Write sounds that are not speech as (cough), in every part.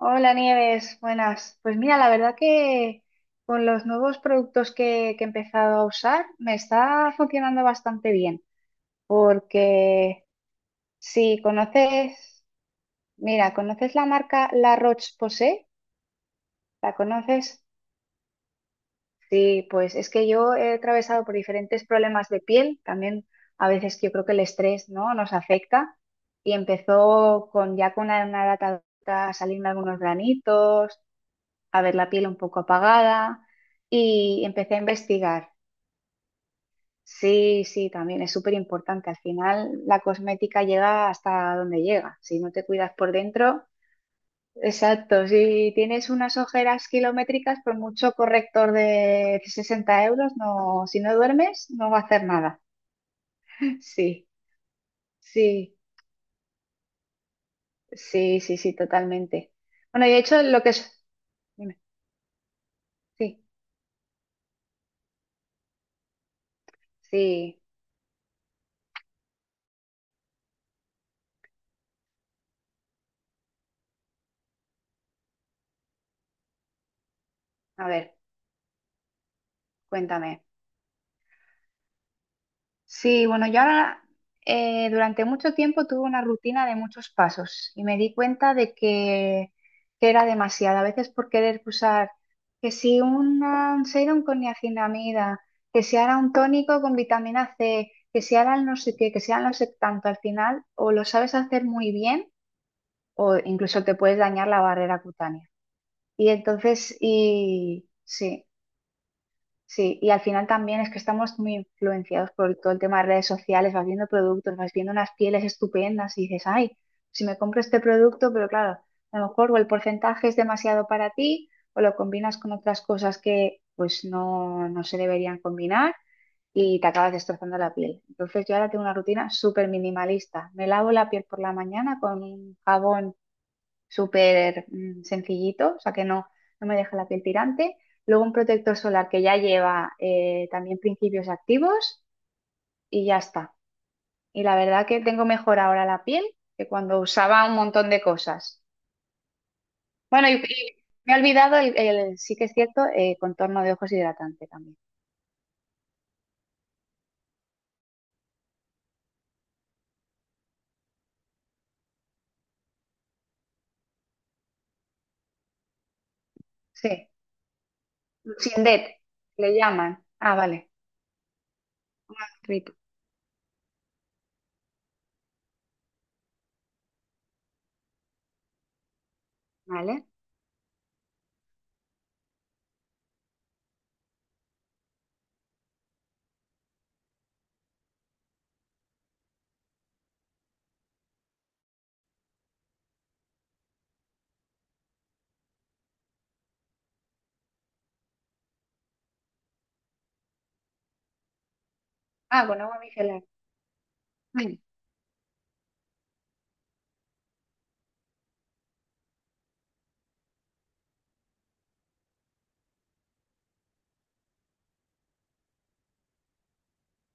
Hola Nieves, buenas. Pues mira, la verdad que con los nuevos productos que he empezado a usar me está funcionando bastante bien, porque si conoces, mira, ¿conoces la marca La Roche-Posay? ¿La conoces? Sí, pues es que yo he atravesado por diferentes problemas de piel, también a veces yo creo que el estrés, ¿no?, nos afecta y empezó con ya con una edad adulta a salirme algunos granitos, a ver la piel un poco apagada y empecé a investigar. Sí, sí, también es súper importante. Al final la cosmética llega hasta donde llega. Si no te cuidas por dentro, exacto. Si tienes unas ojeras kilométricas, por mucho corrector de 60 euros, no, si no duermes, no va a hacer nada. Sí, sí, sí, sí, sí, totalmente. Bueno, y de hecho lo que es... Dime, sí, sí, a ver, cuéntame. Sí, bueno, yo ahora durante mucho tiempo tuve una rutina de muchos pasos y me di cuenta de que era demasiado. A veces por querer usar que si una- un serum con niacinamida, que si ahora un tónico con vitamina C, que si ahora el no sé qué, que si ahora no sé tanto, al final o lo sabes hacer muy bien o incluso te puedes dañar la barrera cutánea. Y entonces, y sí. Sí, y al final también es que estamos muy influenciados por todo el tema de redes sociales, vas viendo productos, vas viendo unas pieles estupendas y dices, ay, si me compro este producto, pero claro, a lo mejor o el porcentaje es demasiado para ti o lo combinas con otras cosas que pues no se deberían combinar y te acabas destrozando la piel. Entonces yo ahora tengo una rutina súper minimalista. Me lavo la piel por la mañana con un jabón súper sencillito, o sea que no me deja la piel tirante. Luego un protector solar que ya lleva también principios activos y ya está. Y la verdad que tengo mejor ahora la piel que cuando usaba un montón de cosas. Bueno, y me he olvidado, sí que es cierto, contorno de ojos hidratante también. Sí, Sindet, le llaman. Ah, vale, Ritu, vale. Ah, con agua micelar. Mm,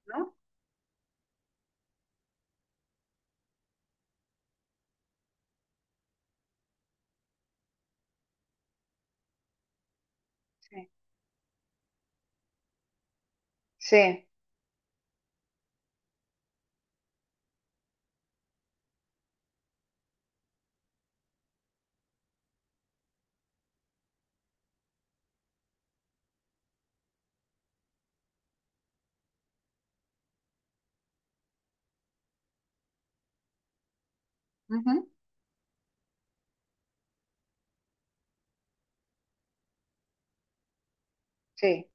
¿no? Sí. Sí. Ujú. Sí.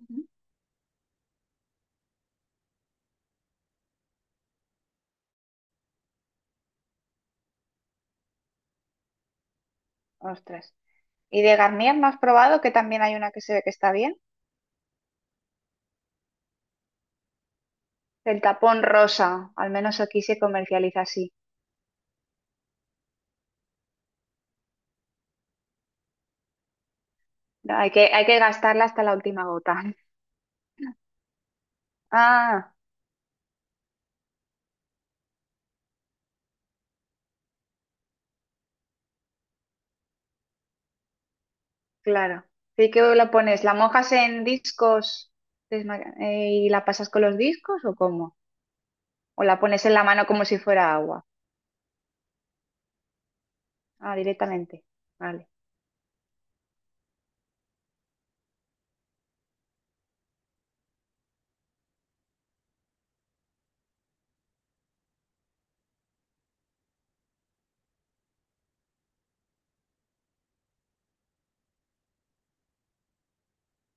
Ujú. Ostras. Y de Garnier, ¿no has probado que también hay una que se ve que está bien? El tapón rosa, al menos aquí se comercializa así. No, hay que gastarla hasta la última gota. (laughs) Ah, claro. ¿Y qué lo pones? ¿La mojas en discos desma- y la pasas con los discos o cómo? ¿O la pones en la mano como si fuera agua? Ah, directamente. Vale.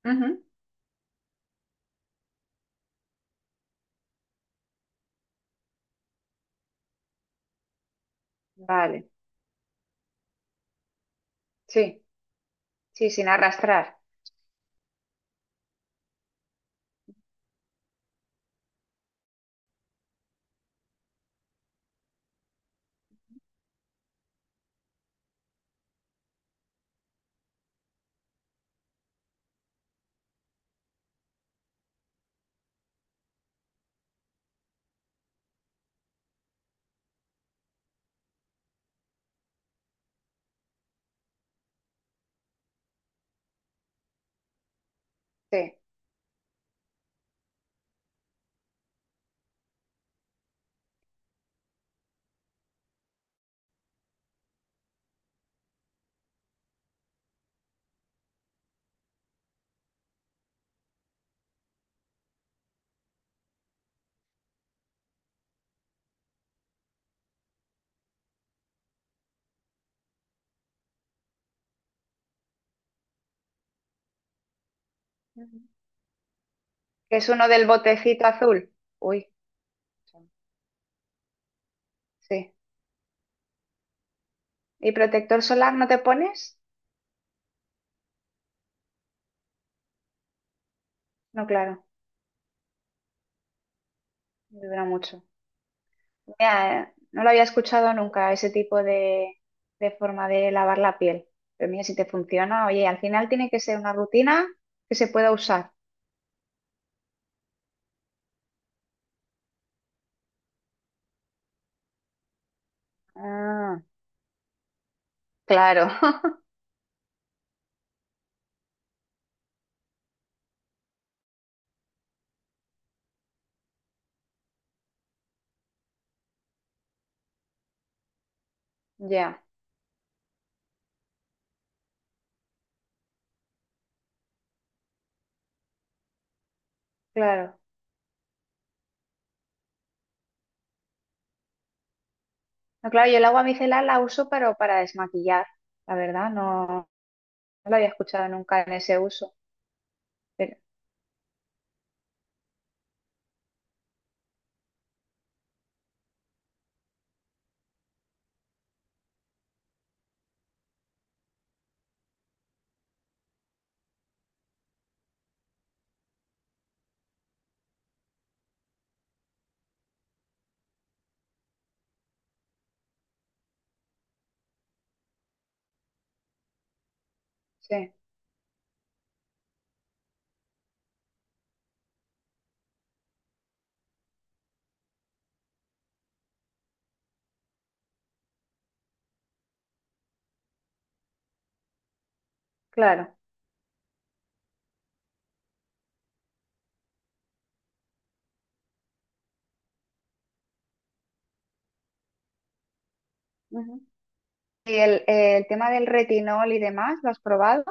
Ujú. Vale. Sí, sí, sin arrastrar. Sí. Ujú. Es uno del botecito azul. Uy, sí. ¿Y protector solar no te pones? No, claro, dura mucho. Mira, no lo había escuchado nunca, ese tipo de forma de lavar la piel. Pero mira, si te funciona, oye, al final tiene que ser una rutina que se pueda usar. Ah, claro, (laughs) ya, claro. No, claro, yo el agua micelar la uso, pero para desmaquillar, la verdad, no lo había escuchado nunca en ese uso. Pero, sí, claro. Ujú. ¿Y el tema del retinol y demás, lo has probado?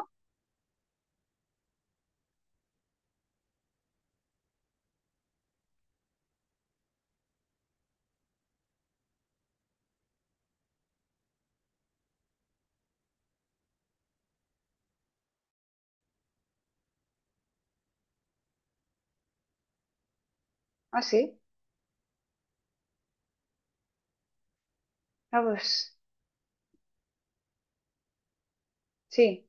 Ah, sí. Ah, pues sí.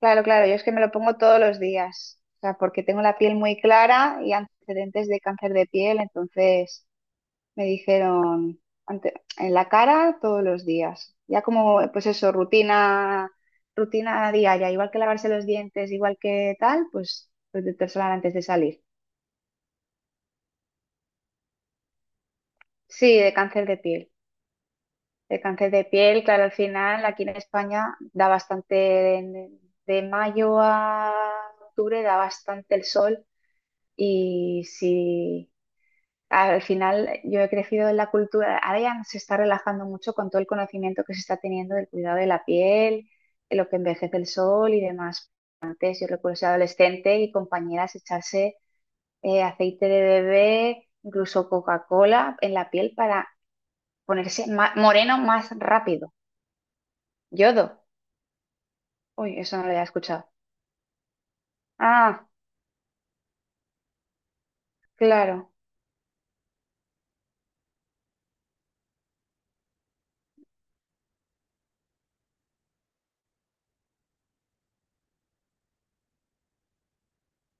Claro, claro, yo es que me lo pongo todos los días, o sea, porque tengo la piel muy clara y antecedentes de cáncer de piel, entonces me dijeron ante- en la cara todos los días, ya como pues eso, rutina, rutina diaria, igual que lavarse los dientes, igual que tal, pues protector solar antes de salir. Sí, de cáncer de piel, de cáncer de piel, claro, al final aquí en España da bastante, de mayo a octubre da bastante el sol. Y si al final yo he crecido en la cultura, ahora ya no se está relajando mucho con todo el conocimiento que se está teniendo del cuidado de la piel, de lo que envejece el sol y demás. Pues yo recuerdo ser adolescente y compañeras echarse aceite de bebé, incluso Coca-Cola en la piel para ponerse moreno más rápido. Yodo. Uy, eso no lo había escuchado. Ah, claro.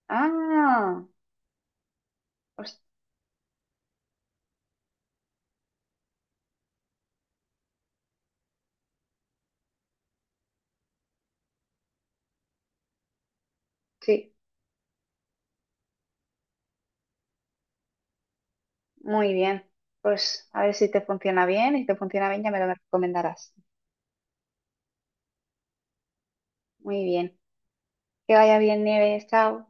Ah, pues sí, muy bien. Pues a ver si te funciona bien y si te funciona bien ya me lo recomendarás. Muy bien. Que vaya bien, Nieves. Chao.